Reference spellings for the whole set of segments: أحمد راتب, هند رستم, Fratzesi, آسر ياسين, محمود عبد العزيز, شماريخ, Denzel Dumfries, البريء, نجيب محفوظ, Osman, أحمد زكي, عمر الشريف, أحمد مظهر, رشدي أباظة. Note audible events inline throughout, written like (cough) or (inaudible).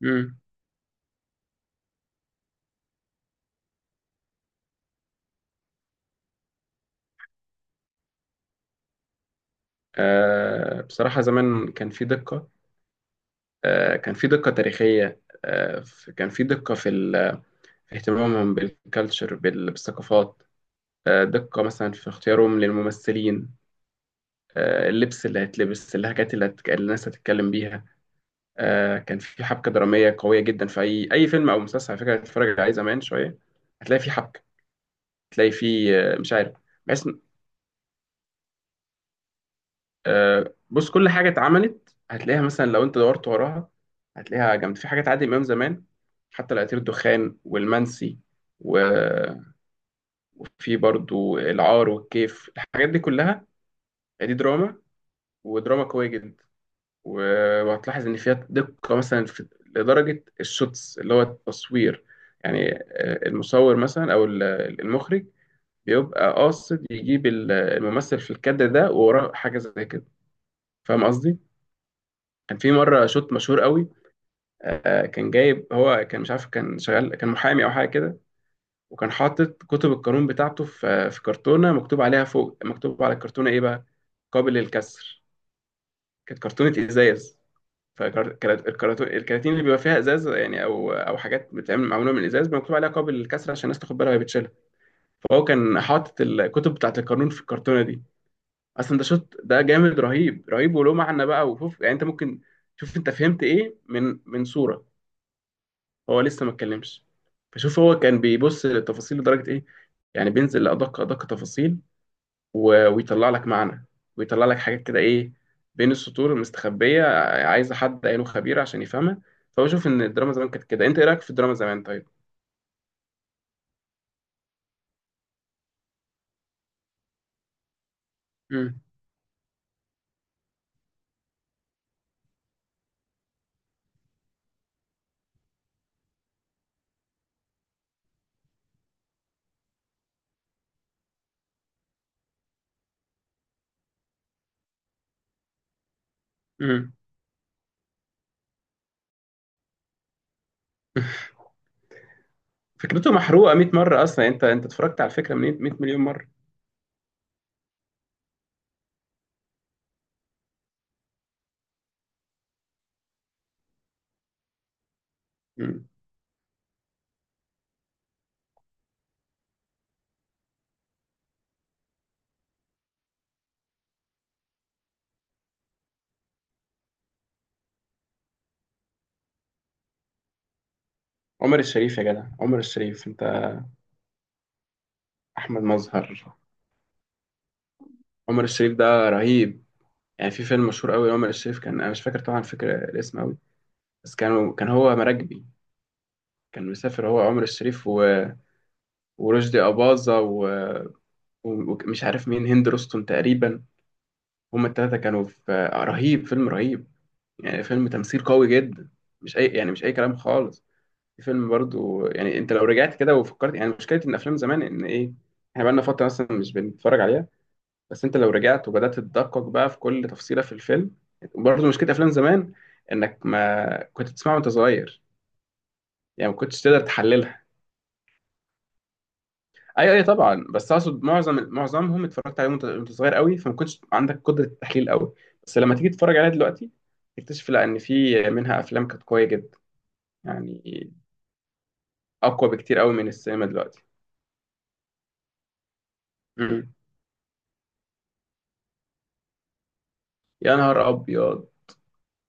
مم. بصراحة زمان كان في دقة. كان في دقة تاريخية، كان في دقة في اهتمامهم بالكالتشر، بالثقافات. دقة مثلا في اختيارهم للممثلين، اللبس اللي هيتلبس، اللهجات اللي الناس هتتكلم بيها. كان في حبكة درامية قوية جدا. في أي فيلم أو مسلسل على فكرة هتتفرج عليه زمان شوية هتلاقي في حبكة. هتلاقي في مش عارف، بحس. بص، كل حاجه اتعملت هتلاقيها مثلا لو انت دورت وراها، هتلاقيها جامد. في حاجات عادل امام زمان، حتى العطير، الدخان، والمنسي و... وفي برضو العار والكيف، الحاجات دي كلها. دي دراما، ودراما قويه جدا. وهتلاحظ ان فيها دقه مثلا في... لدرجه الشوتس اللي هو التصوير. يعني المصور مثلا المخرج بيبقى قاصد يجيب الممثل في الكادر ده ووراه حاجه زي كده. فاهم قصدي؟ كان في مره شوت مشهور قوي. كان جايب، هو كان مش عارف، كان شغال، كان محامي او حاجه كده، وكان حاطط كتب القانون بتاعته في كرتونه مكتوب عليها فوق. مكتوب على الكرتونه ايه بقى؟ قابل للكسر. كانت كرتونه ازاز. فالكراتين اللي بيبقى فيها ازاز يعني، او حاجات بتتعمل معموله من الازاز، مكتوب عليها قابل للكسر عشان الناس تاخد بالها وهي بتشيلها. فهو كان حاطط الكتب بتاعت القانون في الكرتونه دي. اصلا ده شوت، ده جامد، رهيب رهيب وله معنى بقى. وشوف يعني انت ممكن، شوف انت فهمت ايه من صوره. هو لسه ما اتكلمش. فشوف هو كان بيبص للتفاصيل لدرجة ايه؟ يعني بينزل لأدق تفاصيل. ويطلع لك معنى، ويطلع لك حاجات كده ايه؟ بين السطور المستخبية، عايزة حد عينه خبير عشان يفهمها. فهو شوف ان الدراما زمان كانت كده. انت ايه رأيك في الدراما زمان، طيب؟ امم. امم. (laughs) فكرته محروقة 100 مرة. اصلا انت اتفرجت على الفكرة من 100 مليون مرة. مم. عمر الشريف، يا جدع، عمر الشريف انت. احمد مظهر. عمر الشريف ده رهيب. يعني في فيلم مشهور قوي، عمر الشريف كان، انا مش فاكر طبعا فكرة الاسم، بس كان هو مراكبي. كان مسافر هو عمر الشريف ورشدي أباظة ومش عارف مين، هند رستم تقريبا. هما التلاتة كانوا في، رهيب، فيلم رهيب. يعني فيلم تمثيل قوي جدا، مش أي يعني مش أي كلام خالص. الفيلم برضو يعني أنت لو رجعت كده وفكرت، يعني مشكلة إن أفلام زمان إن إيه، إحنا بقالنا فترة مثلا مش بنتفرج عليها. بس أنت لو رجعت وبدأت تدقق بقى في كل تفصيلة في الفيلم. برضو مشكلة أفلام زمان إنك ما كنت تسمعها وأنت صغير، يعني ما كنتش تقدر تحللها. ايوه ايوه طبعا، بس اقصد معظمهم اتفرجت عليهم وأنت صغير قوي، فما كنتش عندك قدره التحليل قوي. بس لما تيجي تتفرج عليها دلوقتي تكتشف لا، ان في منها افلام كانت قويه جدا، يعني اقوى بكتير قوي من السينما دلوقتي. مم. يا نهار ابيض.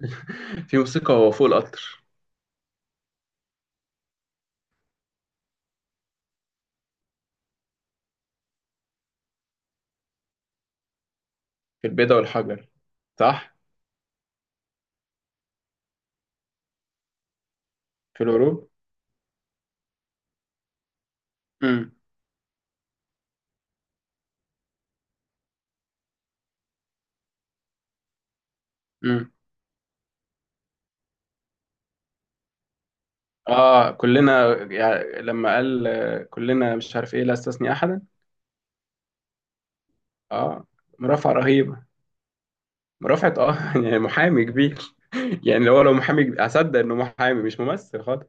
(laughs) في موسيقى وهو فوق القطر. في البيضة والحجر، صح. في الغروب. امم. امم. اه كلنا، يعني لما قال كلنا مش عارف ايه، لا استثني احدا. اه، مرافعة رهيبة. مرافعة، اه، (laughs) يعني محامي كبير. يعني لو لو محامي، اصدق انه محامي مش ممثل خالص.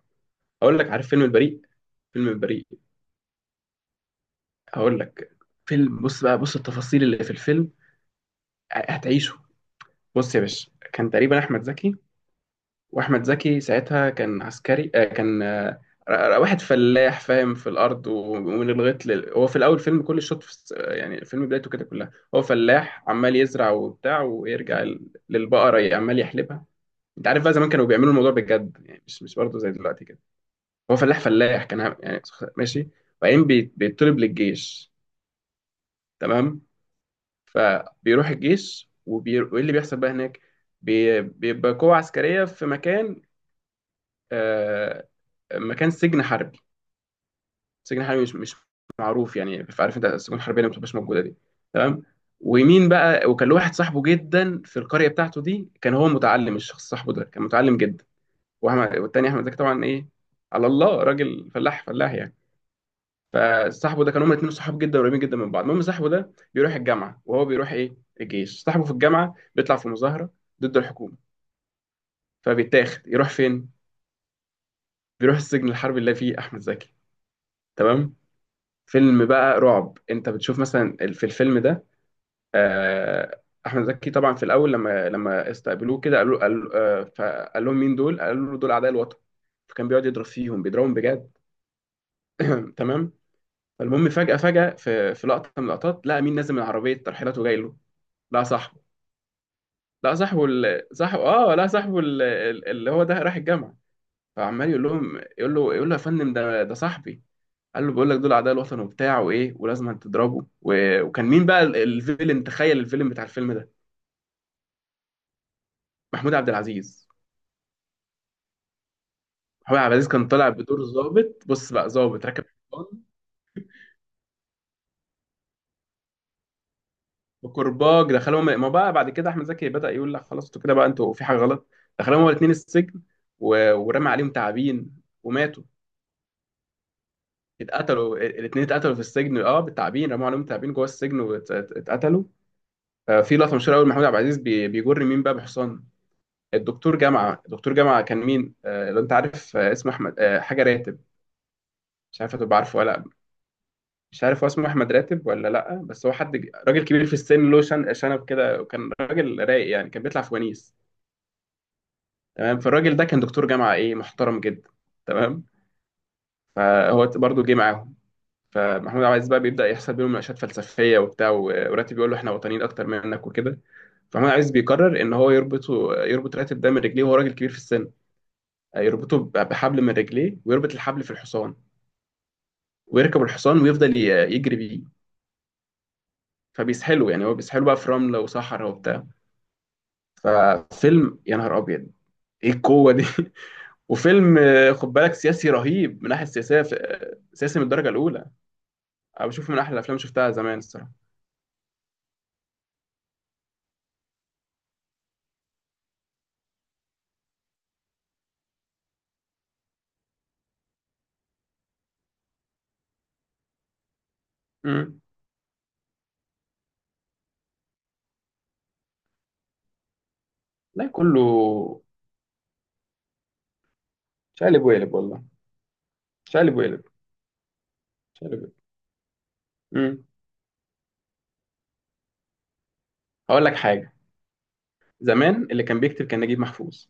اقول لك، عارف فيلم البريء؟ فيلم البريء، هقول لك. فيلم، بص بقى بص التفاصيل اللي في الفيلم هتعيشه. بص يا باشا، كان تقريبا احمد زكي، واحمد زكي ساعتها كان عسكري، آه كان آه ر- ر- واحد فلاح فاهم في الارض ومن الغيط لل... هو في الاول فيلم، كل الشوط يعني الفيلم بدايته كده كلها هو فلاح عمال يزرع وبتاع ويرجع للبقره عمال يحلبها. انت عارف بقى زمان كانوا بيعملوا الموضوع بجد، يعني مش برضه زي دلوقتي كده. هو فلاح كان يعني ماشي. وبعدين بيطلب للجيش. تمام. فبيروح الجيش وايه اللي بيحصل بقى هناك؟ بيبقى قوة عسكرية في مكان، آه... مكان سجن حربي. سجن حربي مش معروف يعني، عارف انت السجون الحربية اللي ما بتبقاش موجودة دي. تمام. ومين بقى؟ وكان له واحد صاحبه جدا في القرية بتاعته دي، كان هو متعلم، الشخص صاحبه ده كان متعلم جدا. والتاني احمد زكي طبعا ايه، على الله، راجل فلاح يعني. فصاحبه ده كانوا هما الاثنين صحاب جدا، قريبين جدا من بعض. المهم صاحبه ده بيروح الجامعه وهو بيروح ايه، الجيش. صاحبه في الجامعه بيطلع في مظاهره ضد الحكومه، فبيتاخد يروح فين؟ بيروح السجن الحربي اللي فيه احمد زكي. تمام. فيلم بقى رعب. انت بتشوف مثلا في الفيلم ده، آه، احمد زكي طبعا في الاول لما استقبلوه كده قالوا، قال فقال لهم مين دول؟ قالوا له دول اعداء الوطن. فكان بيقعد يضرب فيهم، بيضربهم بجد. (clears throat) تمام. فالمهم فجأة في لقطة من اللقطات لقى مين نازل من عربية ترحيلات وجاي له؟ لقى صاحبه. لقى صاحبه، ال... صاحبه اه لقى صاحبه ال... ال- اللي هو ده رايح الجامعة. فعمال يقول لهم، يقول له يا فندم، ده صاحبي. قال له بقول لك دول أعداء الوطن وبتاع وإيه ولازم تضربه وكان مين بقى الفيلم، تخيل الفيلم بتاع الفيلم ده؟ محمود عبد العزيز. محمود عبد العزيز كان طالع بدور ظابط. بص بقى، ظابط راكب حصان، بكرباج دخلهم. ما بقى بعد كده احمد زكي بدأ يقول لا خلاص، انتوا كده بقى انتوا في حاجه غلط. دخلهم هما الاثنين السجن ورمى عليهم تعابين وماتوا. اتقتلوا الاثنين، اتقتلوا في السجن، اه، بالتعابين. رموا عليهم تعابين جوه السجن واتقتلوا. آه، في لقطه مشهوره قوي محمود عبد العزيز بيجر مين بقى بحصان؟ الدكتور جامعه. الدكتور جامعه كان مين، آه لو انت عارف، آه اسمه احمد، آه حاجه راتب. مش عارف هتبقى عارفه ولا لأ. مش عارف هو اسمه احمد راتب ولا لا، بس هو حد راجل كبير في السن، له شنب كده، وكان راجل رايق يعني، كان بيطلع في ونيس. تمام. فالراجل ده كان دكتور جامعه ايه، محترم جدا. تمام. فهو برضو جه معاهم. فمحمود عبد العزيز بقى بيبدا يحصل بينهم مناقشات فلسفيه وبتاع، وراتب بيقول له احنا وطنيين اكتر منك وكده. فمحمود عبد العزيز بيقرر ان هو يربطه، يربط راتب ده من رجليه وهو راجل كبير في السن، يربطه بحبل من رجليه ويربط الحبل في الحصان، ويركب الحصان ويفضل يجري بيه. فبيسحله يعني، هو بيسحله بقى في رمله وصحراء وبتاع. ففيلم يا نهار ابيض، ايه القوه دي؟ (laughs) وفيلم خد بالك سياسي رهيب من الناحيه السياسيه، سياسي من الدرجه الاولى. انا بشوفه من احلى الافلام اللي شفتها زمان الصراحه. امم. لا كله شقلب وقلب والله. شقلب وقلب. شقلب وقلب. امم. هقول لك حاجه. زمان اللي كان بيكتب كان نجيب محفوظ.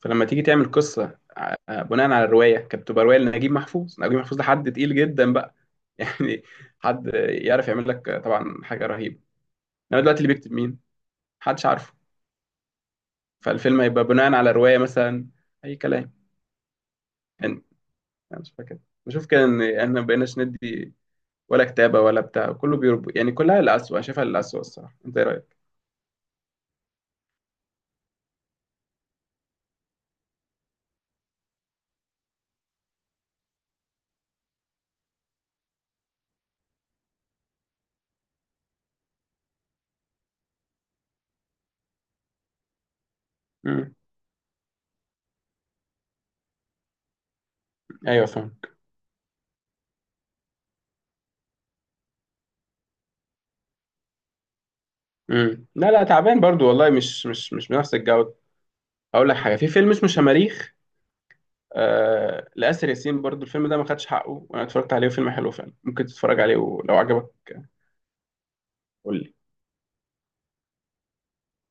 فلما تيجي تعمل قصه بناء على الروايه كانت بتبقى روايه لنجيب محفوظ. نجيب محفوظ ده حد تقيل جدا بقى (laughs) يعني، حد يعرف يعمل لك طبعا حاجه رهيبه. انما دلوقتي اللي بيكتب مين؟ محدش عارفه. فالفيلم هيبقى بناء على روايه مثلا، اي كلام. انا مش فاكر. بشوف كده ان احنا ما بقيناش ندي ولا كتابه ولا بتاع، كله بيربو يعني، كلها للأسوأ. انا شايفها للأسوأ الصراحه، انت ايه رايك؟ امم. ايوه فاهم. امم. لا لا، تعبان برضو والله، مش بنفس الجوده. اقول لك حاجه، في فيلم اسمه شماريخ، آه لآسر ياسين برضو. الفيلم ده ما خدش حقه، وانا اتفرجت عليه، فيلم حلو فعلا، ممكن تتفرج عليه ولو عجبك. قول لي.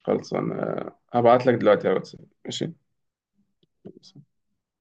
خلص انا هبعت لك دلوقتي على الواتساب. ماشي.